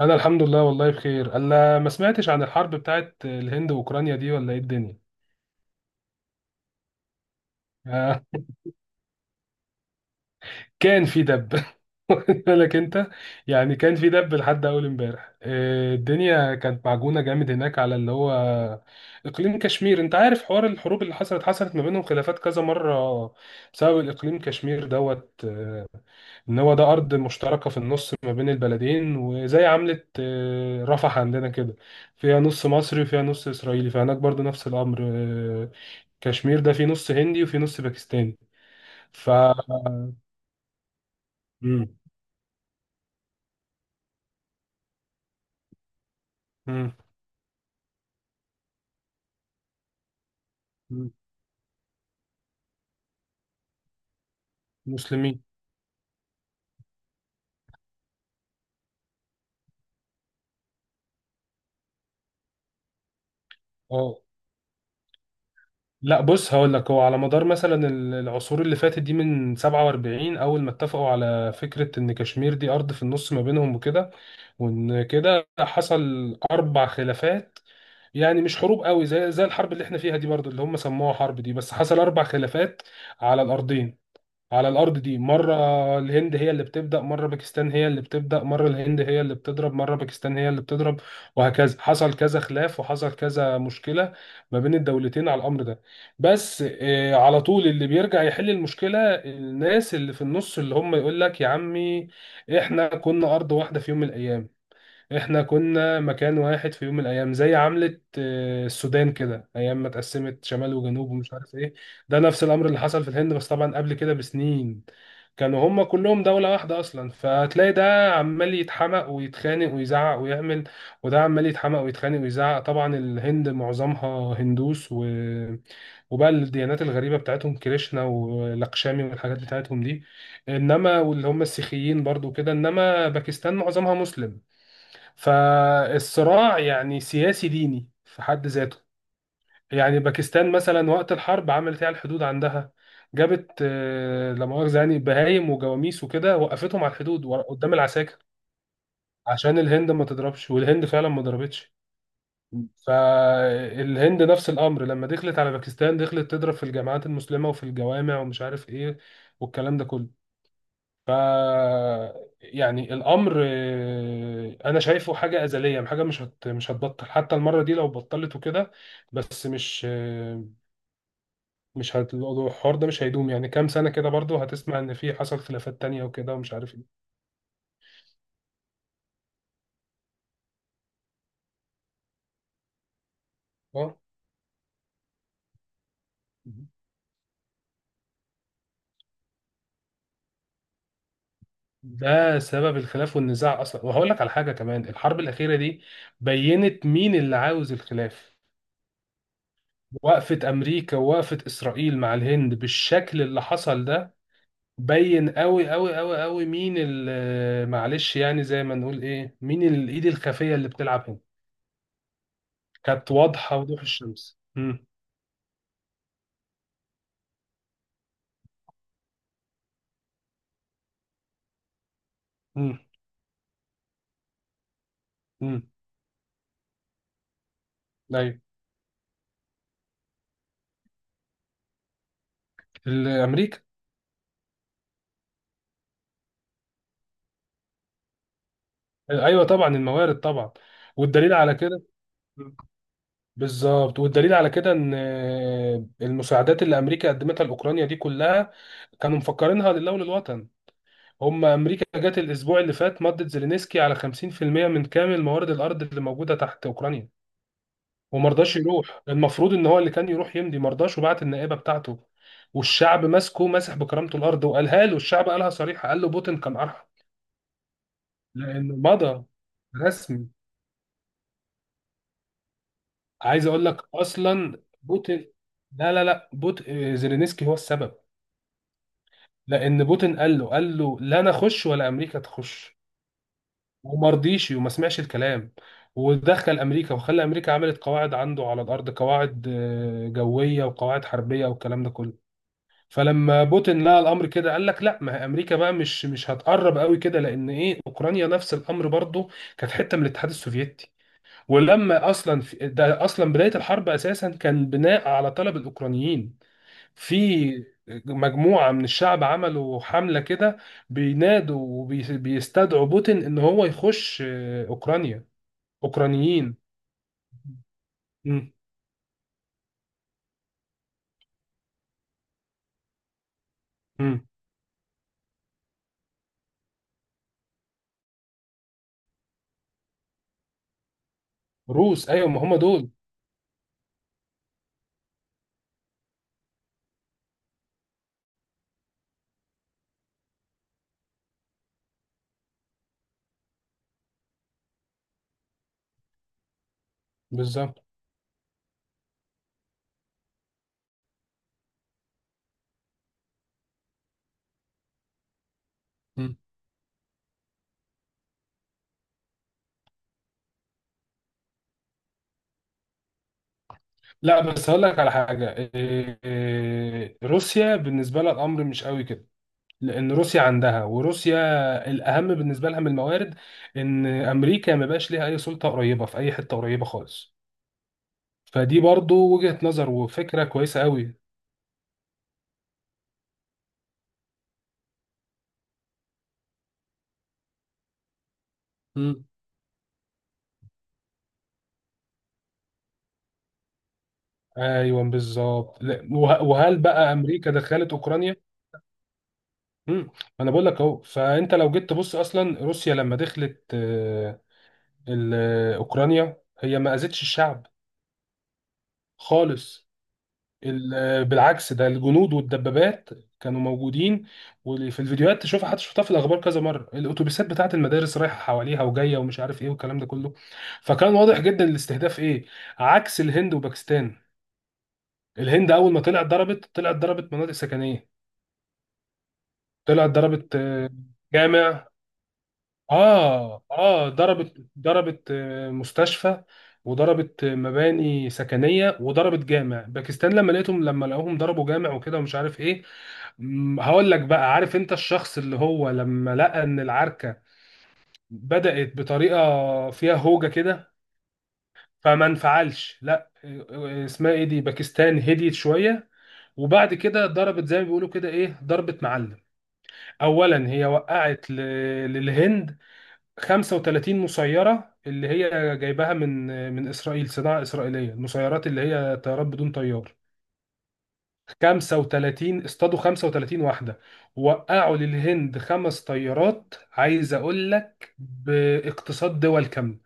انا الحمد لله، والله بخير. انا ما سمعتش عن الحرب بتاعت الهند واوكرانيا دي، ولا ايه الدنيا؟ آه، كان في دب واخد بالك انت؟ يعني كان في دب لحد اول امبارح الدنيا كانت معجونه جامد هناك على اللي هو اقليم كشمير. انت عارف حوار الحروب اللي حصلت ما بينهم، خلافات كذا مره بسبب الاقليم كشمير دوت. ان هو ده ارض مشتركه في النص ما بين البلدين، وزي عمله رفح عندنا كده، فيها نص مصري وفيها نص اسرائيلي. فهناك برضو نفس الامر، كشمير ده فيه نص هندي وفيه نص باكستاني. ف مم. مم. مم. مسلمين. اه، لا بص هقول لك: هو على مدار مثلا العصور اللي فاتت دي، من 47 اول ما اتفقوا على فكره ان كشمير دي ارض في النص ما بينهم وكده، وان كده حصل اربع خلافات. يعني مش حروب قوي زي الحرب اللي احنا فيها دي برضه اللي هم سموها حرب دي، بس حصل اربع خلافات على الارضين، على الارض دي. مره الهند هي اللي بتبدا، مره باكستان هي اللي بتبدا، مره الهند هي اللي بتضرب، مره باكستان هي اللي بتضرب، وهكذا. حصل كذا خلاف وحصل كذا مشكله ما بين الدولتين على الامر ده. بس على طول اللي بيرجع يحل المشكله الناس اللي في النص، اللي هم يقول لك يا عمي احنا كنا ارض واحده في يوم من الايام، احنا كنا مكان واحد في يوم من الايام. زي عملة السودان كده، ايام ما اتقسمت شمال وجنوب ومش عارف ايه. ده نفس الامر اللي حصل في الهند، بس طبعا قبل كده بسنين كانوا هما كلهم دولة واحدة اصلا. فتلاقي ده عمال يتحمق ويتخانق ويزعق ويعمل، وده عمال يتحمق ويتخانق ويزعق. طبعا الهند معظمها هندوس وبقى الديانات الغريبة بتاعتهم، كريشنا ولاكشامي والحاجات بتاعتهم دي، انما واللي هم السيخيين برضو كده. انما باكستان معظمها مسلم، فالصراع يعني سياسي ديني في حد ذاته. يعني باكستان مثلا وقت الحرب عملت ايه على الحدود عندها؟ جابت لا مؤاخذة يعني بهايم وجواميس وكده، وقفتهم على الحدود قدام العساكر عشان الهند ما تضربش، والهند فعلا ما ضربتش. فالهند نفس الامر، لما دخلت على باكستان دخلت تضرب في الجامعات المسلمه وفي الجوامع ومش عارف ايه والكلام ده كله. ف يعني الامر انا شايفه حاجه ازليه، حاجه مش هتبطل، حتى المره دي لو بطلت وكده. بس مش آه، مش هت... الحوار ده مش هيدوم، يعني كام سنه كده برضو هتسمع ان في حصل خلافات تانية وكده ومش عارف ايه. اه، ده سبب الخلاف والنزاع اصلا. وهقول لك على حاجه كمان: الحرب الاخيره دي بينت مين اللي عاوز الخلاف. وقفه امريكا ووقفه اسرائيل مع الهند بالشكل اللي حصل ده، بين قوي قوي قوي قوي مين معلش، يعني زي ما نقول ايه، مين الايد الخفيه اللي بتلعب هنا. كانت واضحه وضوح الشمس. امم. امم. امم. ايوه، الامريكا. ايوه طبعا، الموارد طبعا. والدليل على كده، مم. بالظبط. والدليل على كده ان المساعدات اللي امريكا قدمتها لاوكرانيا دي كلها كانوا مفكرينها لله وللوطن. هم امريكا جت الاسبوع اللي فات مضت زيلينسكي على 50% من كامل موارد الارض اللي موجوده تحت اوكرانيا، وما رضاش يروح. المفروض ان هو اللي كان يروح يمضي، ما رضاش وبعت النائبه بتاعته، والشعب ماسكه ماسح بكرامته الارض. وقالها له الشعب، قالها صريحه، قال له بوتين كان ارحم، لانه مضى رسمي. عايز اقول لك اصلا بوتين، لا لا لا، بوت آه، زيلينسكي هو السبب. لان بوتين قال له لا، انا اخش ولا امريكا تخش، وما رضيش وما سمعش الكلام، ودخل امريكا وخلى امريكا عملت قواعد عنده على الارض، قواعد جويه وقواعد حربيه والكلام ده كله. فلما بوتين لقى الامر كده قال لك لا، ما هي امريكا بقى مش هتقرب قوي كده. لان ايه، اوكرانيا نفس الامر برضو، كانت حته من الاتحاد السوفيتي. ولما اصلا في ده اصلا بدايه الحرب اساسا كان بناء على طلب الاوكرانيين. في مجموعه من الشعب عملوا حمله كده بينادوا وبيستدعوا بوتين ان هو يخش اوكرانيا. اوكرانيين. مم. مم. روس، ايوه، ما هم دول بالظبط. لا، بس هقول لك على حاجة روسيا بالنسبة لها الأمر مش قوي كده. لأن روسيا عندها، وروسيا الأهم بالنسبة لها من الموارد إن أمريكا ما بقاش ليها أي سلطة قريبة في أي حتة قريبة خالص. فدي برضو وجهة نظر وفكرة كويسة قوي. مم. أيوه بالظبط. لا، وهل بقى أمريكا دخلت أوكرانيا؟ مم. أنا بقول لك أهو. فأنت لو جيت تبص أصلا روسيا لما دخلت أوكرانيا، هي ما أذتش الشعب خالص. بالعكس، ده الجنود والدبابات كانوا موجودين، وفي الفيديوهات تشوفها، حتى شفتها في الاخبار كذا مره، الاتوبيسات بتاعه المدارس رايحه حواليها وجايه ومش عارف ايه والكلام ده كله. فكان واضح جدا الاستهداف ايه، عكس الهند وباكستان. الهند اول ما طلعت ضربت، طلعت ضربت مناطق سكنيه، طلعت ضربت جامع. اه اه، ضربت مستشفى، وضربت مباني سكنيه، وضربت جامع. باكستان لما لقوهم ضربوا جامع وكده ومش عارف ايه. هقول لك بقى: عارف انت الشخص اللي هو لما لقى ان العركة بدأت بطريقة فيها هوجة كده فما انفعلش، لا اسمها ايه دي، باكستان هديت شوية وبعد كده ضربت زي ما بيقولوا كده ايه ضربة معلم. اولا هي وقعت للهند 35 مسيرة اللي هي جايباها من اسرائيل، صناعة اسرائيلية. المسيرات اللي هي طيارات بدون طيار، 35 اصطادوا 35 واحده. وقعوا للهند خمس طيارات، عايز اقول لك باقتصاد دول كامله.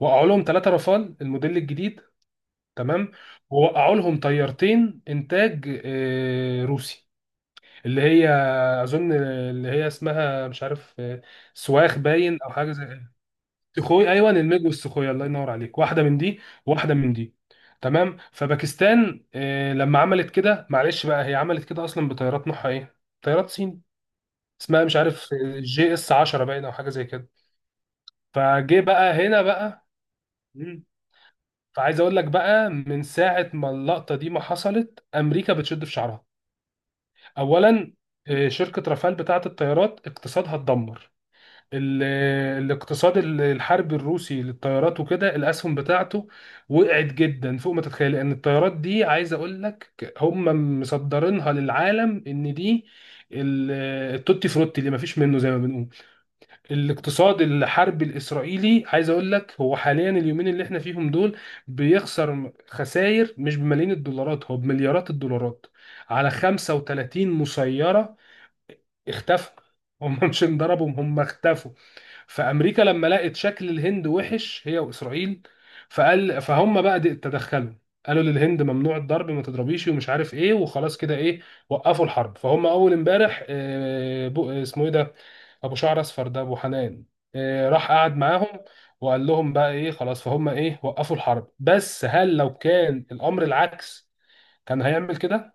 وقعوا لهم ثلاثه رافال الموديل الجديد، تمام؟ ووقعوا لهم طيارتين انتاج روسي، اللي هي اظن اللي هي اسمها مش عارف سواخ باين او حاجه زي. سخوي، ايوه، الميج والسخوي، الله ينور عليك. واحده من دي وواحده من دي، تمام. فباكستان لما عملت كده، معلش بقى هي عملت كده اصلا بطيارات نوعها ايه؟ طيارات صين، اسمها مش عارف جي اس 10 باين او حاجه زي كده. فجه بقى هنا بقى. مم. فعايز اقول لك بقى، من ساعه ما اللقطه دي ما حصلت امريكا بتشد في شعرها. اولا شركه رافال بتاعه الطيارات اقتصادها اتدمر. ال- الاقتصاد الحربي الروسي للطيارات وكده، الاسهم بتاعته وقعت جدا فوق ما تتخيل. لان الطيارات دي عايز اقول لك هم مصدرينها للعالم ان دي ال- التوتي فروتي اللي ما فيش منه زي ما بنقول. الاقتصاد الحربي الاسرائيلي عايز اقول لك هو حاليا اليومين اللي احنا فيهم دول بيخسر خسائر مش بملايين الدولارات، هو بمليارات الدولارات، على 35 مسيرة اختفوا. هم مش انضربوا، هم اختفوا. فامريكا لما لقت شكل الهند وحش هي واسرائيل، فهم بقى تدخلوا، قالوا للهند ممنوع الضرب، ما تضربيش ومش عارف ايه، وخلاص كده ايه وقفوا الحرب. فهم اول امبارح اسمه ايه ده، ابو شعر اصفر ده، ابو حنان، راح قعد معاهم وقال لهم بقى ايه خلاص، فهم ايه وقفوا الحرب. بس هل لو كان الامر العكس كان هيعمل كده؟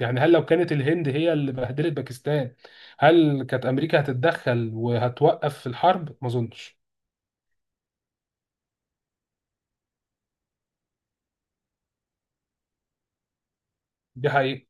يعني هل لو كانت الهند هي اللي بهدلت باكستان، هل كانت امريكا هتتدخل وهتوقف الحرب؟ ما اظنش. دي حقيقة.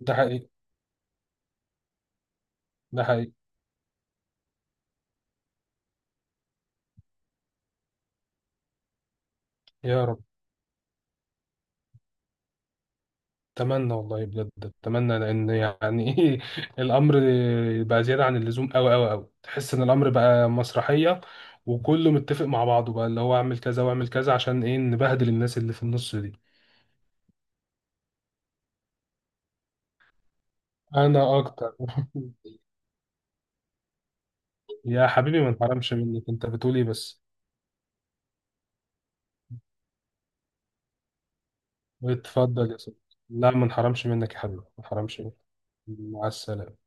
ده حقيقي، ده حقيقي. يا رب، اتمنى والله بجد. اتمنى لان يعني ايه، الامر بقى زياده عن اللزوم، قوي قوي قوي. تحس ان الامر بقى مسرحيه، وكله متفق مع بعضه بقى اللي هو اعمل كذا واعمل كذا، عشان ايه؟ نبهدل الناس اللي في النص دي. انا اكتر يا حبيبي، ما انحرمش منك، انت بتقول ايه بس. اتفضل يا صديقي. لا ما انحرمش منك يا حبيبي، ما انحرمش منك. مع السلامة.